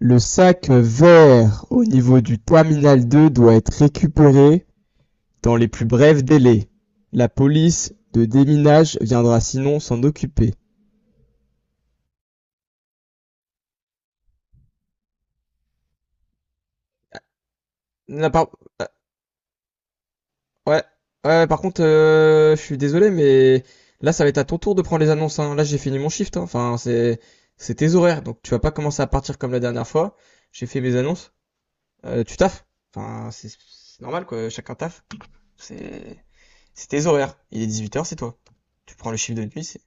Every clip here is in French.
Le sac vert au niveau du terminal deux doit être récupéré dans les plus brefs délais. La police de déminage viendra sinon s'en occuper. Là, par... euh, Ouais. Ouais, par contre, je suis désolé, mais là, ça va être à ton tour de prendre les annonces, hein. Là, j'ai fini mon shift, hein. Enfin, c'est tes horaires. Donc, tu vas pas commencer à partir comme la dernière fois. J'ai fait mes annonces. Tu taffes. Enfin, c'est normal, quoi. Chacun taffe. C'est tes horaires. Il est 18h, c'est toi. Tu prends le chiffre de nuit, c'est...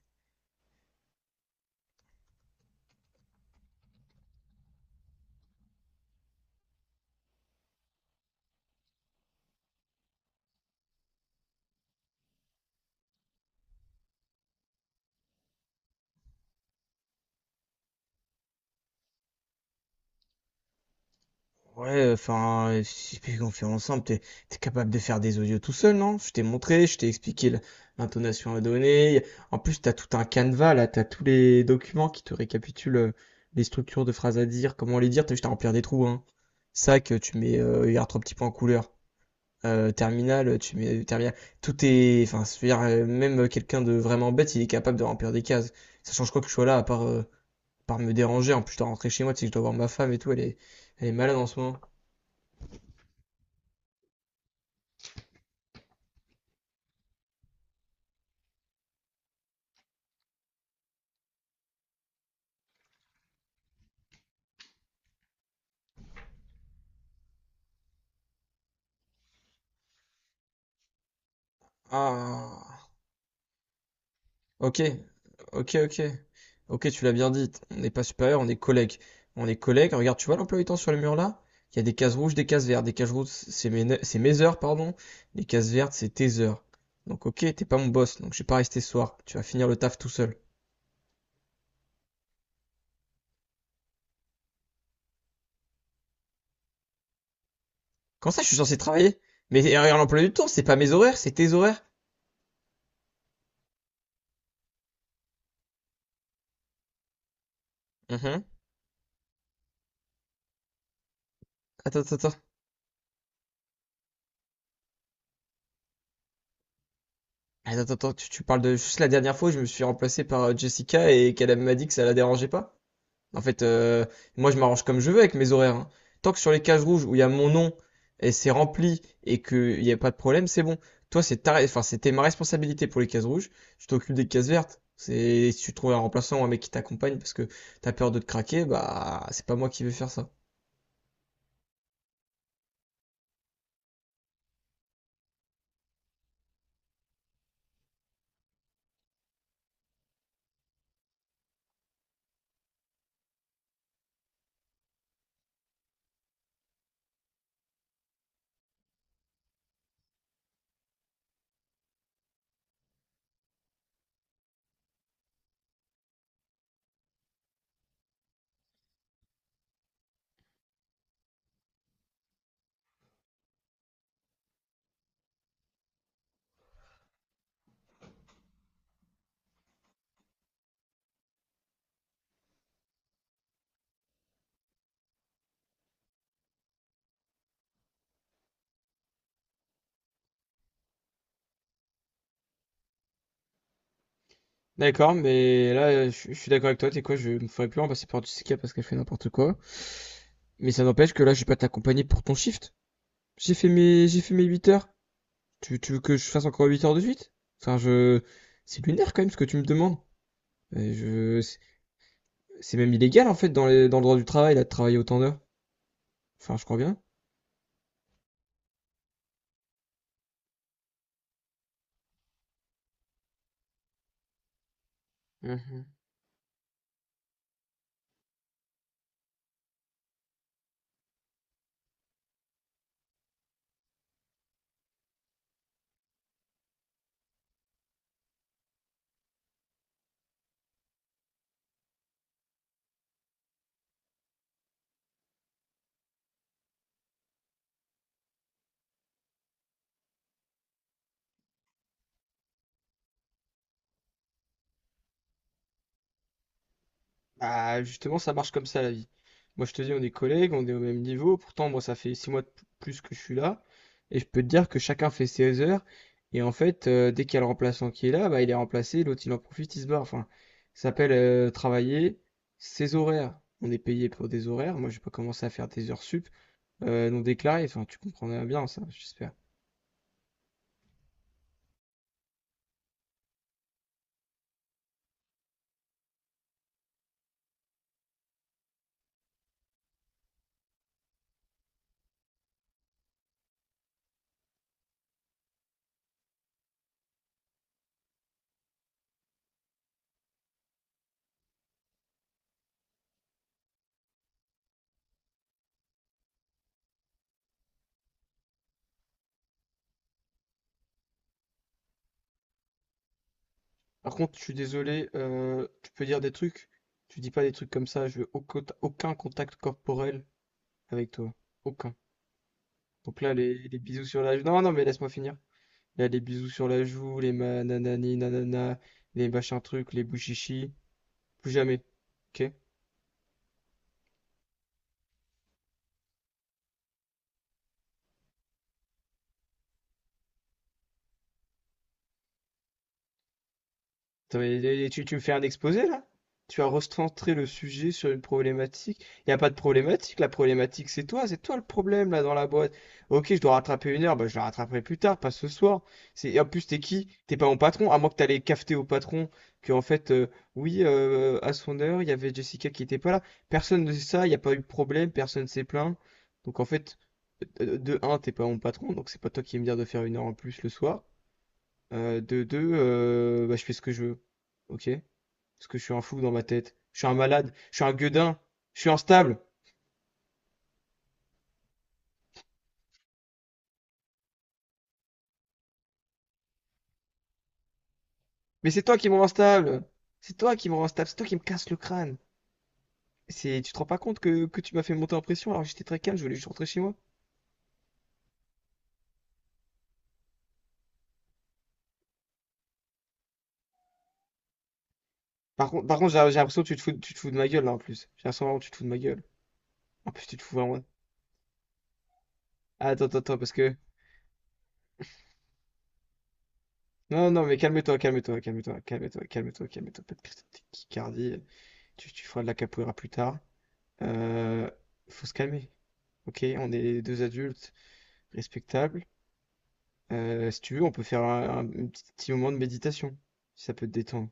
Ouais, enfin, si on fait ensemble, t'es capable de faire des audios tout seul, non? Je t'ai montré, je t'ai expliqué l'intonation à donner. En plus, t'as tout un canevas, là, t'as tous les documents qui te récapitulent, les structures de phrases à dire, comment les dire, t'as juste à remplir des trous, hein. Sac, tu mets, hier trois petits points en couleur. Terminal, tu mets, terminal. Tout est, enfin, je veux dire, même quelqu'un de vraiment bête, il est capable de remplir des cases. Ça change quoi que je sois là, à part me déranger. En plus, je dois rentrer chez moi, tu sais que je dois voir ma femme et tout, elle est malade en ce moment. Ah, ok, ok, ok. Ok, tu l'as bien dit. On n'est pas supérieur, on est collègues. On est collègues. Regarde, tu vois l'emploi du temps sur le mur là? Il y a des cases rouges, des cases vertes. Des cases rouges, c'est mes, ne- c'est mes heures, pardon. Les cases vertes, c'est tes heures. Donc, ok, t'es pas mon boss, donc je vais pas rester ce soir. Tu vas finir le taf tout seul. Comment ça, je suis censé travailler? Mais regarde l'emploi du temps, c'est pas mes horaires, c'est tes horaires. Mhm. Attends, attends, attends. Attends, attends, attends, tu parles de juste la dernière fois, où je me suis remplacé par Jessica et qu'elle m'a dit que ça la dérangeait pas? En fait, moi, je m'arrange comme je veux avec mes horaires, hein. Tant que sur les cases rouges où il y a mon nom et c'est rempli et qu'il n'y a pas de problème, c'est bon. Toi, c'est ta... enfin, c'était ma responsabilité pour les cases rouges. Je t'occupe des cases vertes. C'est si tu trouves un remplaçant ou un mec qui t'accompagne parce que t'as peur de te craquer, bah c'est pas moi qui vais faire ça. D'accord, mais là, je suis d'accord avec toi, t'es quoi, je me ferais plus en par du CK parce qu'elle fait n'importe quoi. Mais ça n'empêche que là, je vais pas t'accompagner pour ton shift. J'ai fait mes 8 heures. Tu veux que je fasse encore 8 heures de suite? Enfin, je... C'est lunaire quand même ce que tu me demandes. Et je... C'est même illégal en fait dans les... dans le droit du travail là, de travailler autant d'heures. Enfin, je crois bien. Mhm. Bah justement, ça marche comme ça la vie. Moi, je te dis, on est collègues, on est au même niveau. Pourtant, moi, ça fait 6 mois de plus que je suis là, et je peux te dire que chacun fait ses heures. Et en fait, dès qu'il y a le remplaçant qui est là, bah, il est remplacé, l'autre il en profite, il se barre. Enfin, ça s'appelle travailler ses horaires. On est payé pour des horaires. Moi, j'ai pas commencé à faire des heures sup, non déclarés. Enfin, tu comprendras bien ça, j'espère. Par contre, je suis désolé, tu peux dire des trucs. Tu dis pas des trucs comme ça. Je veux aucun contact corporel avec toi. Aucun. Donc là, les bisous sur la joue. Non, non, mais laisse-moi finir. Là, les bisous sur la joue, les nanani nanana, les machins trucs, les bouchichis. Plus jamais. Ok? Attends, mais tu me fais un exposé là? Tu as recentré le sujet sur une problématique. Il n'y a pas de problématique, la problématique c'est toi le problème là dans la boîte. Ok, je dois rattraper une heure, bah, je la rattraperai plus tard, pas ce soir. C'est... et en plus, t'es qui? T'es pas mon patron, à moins que t'allais cafeter au patron que en fait, oui, à son heure, il y avait Jessica qui était pas là. Personne ne sait ça, il n'y a pas eu de problème, personne s'est plaint. Donc en fait, de un, t'es pas mon patron, donc c'est pas toi qui vas me dire de faire une heure en plus le soir. De deux, bah, je fais ce que je veux. Ok? Parce que je suis un fou dans ma tête. Je suis un malade. Je suis un gueudin. Je suis instable. Mais c'est toi qui me rends instable. C'est toi qui me rends instable. C'est toi qui me casse le crâne. C'est, tu te rends pas compte que tu m'as fait monter en pression alors que j'étais très calme. Je voulais juste rentrer chez moi. Par contre, j'ai l'impression que tu te fous de ma gueule là en plus. J'ai l'impression vraiment que tu te fous de ma gueule. En plus, tu te fous vraiment. Ah, attends, attends, attends, parce que... Non, non, mais calme-toi, calme-toi, calme-toi, calme-toi, calme-toi, calme-toi. Pas de crise de tachycardie. Tu feras de la capoeira plus tard. Euh, Faut se calmer. Ok, on est deux adultes respectables. Si tu veux, on peut faire un petit moment de méditation, si ça peut te détendre.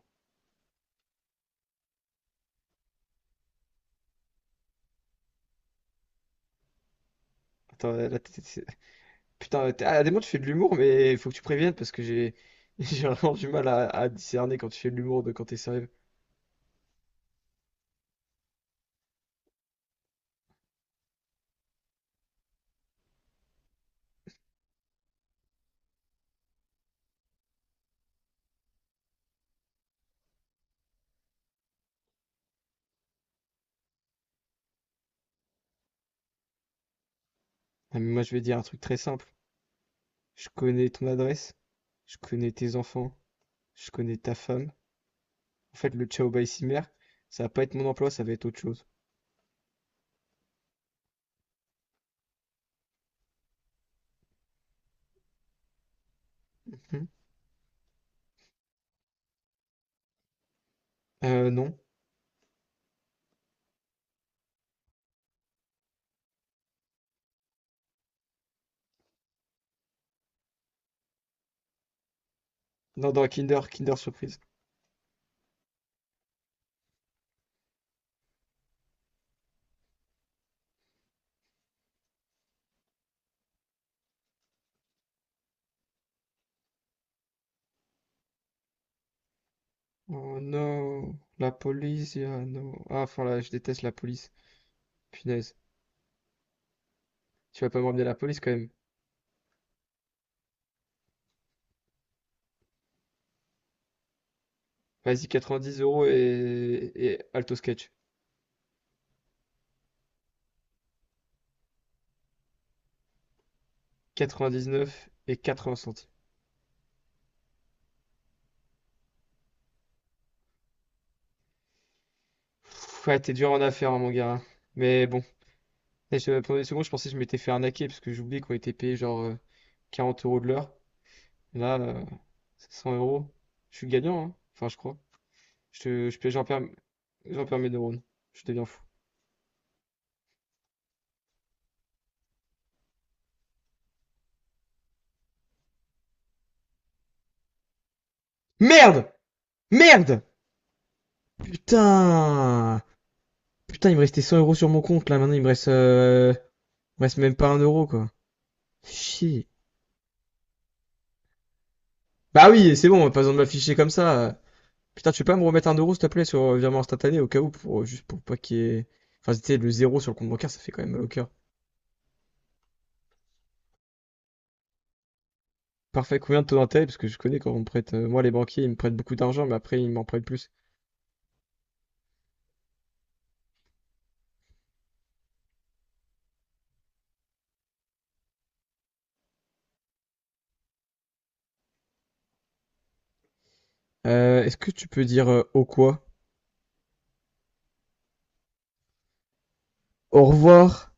Attends, là, putain, à des moments tu fais de l'humour, mais il faut que tu préviennes parce que j'ai j'ai vraiment du mal à discerner quand tu fais de l'humour de quand t'es sérieux. Ah, mais moi, je vais dire un truc très simple. Je connais ton adresse, je connais tes enfants, je connais ta femme. En fait, le ciao bye cimer, ça va pas être mon emploi, ça va être autre chose. Mhm. Non. Non, dans Kinder, Kinder Surprise. Oh non, la police, ah non. Ah, enfin là, je déteste la police. Punaise. Tu vas pas me ramener la police quand même. Vas-y, 90 euros et Alto Sketch. 99 et 80 centimes. Pff, ouais, t'es dur en affaires, hein, mon gars, hein. Mais bon. Et je, pendant des secondes, je pensais que je m'étais fait arnaquer parce que j'oubliais qu'on était payé genre 40 euros de l'heure. Là, c'est 100 euros. Je suis gagnant, hein. Enfin, je crois. Je, je, j'en perds, j'en perds mes neurones. Je deviens fou. Merde! Merde! Putain! Putain, il me restait 100 euros sur mon compte là. Maintenant, il me reste même pas un euro quoi. Chier. Bah oui, c'est bon, pas besoin de m'afficher comme ça. Putain, tu peux pas me remettre un euro s'il te plaît sur virement instantané au cas où pour juste pour pas qu'il y ait... Enfin, c'était le zéro sur le compte bancaire, ça fait quand même mal au cœur. Parfait. Combien de taux d'intérêt? Parce que je connais quand on me prête, moi, les banquiers, ils me prêtent beaucoup d'argent, mais après, ils m'en prêtent plus. Est-ce que tu peux dire au quoi? Au revoir.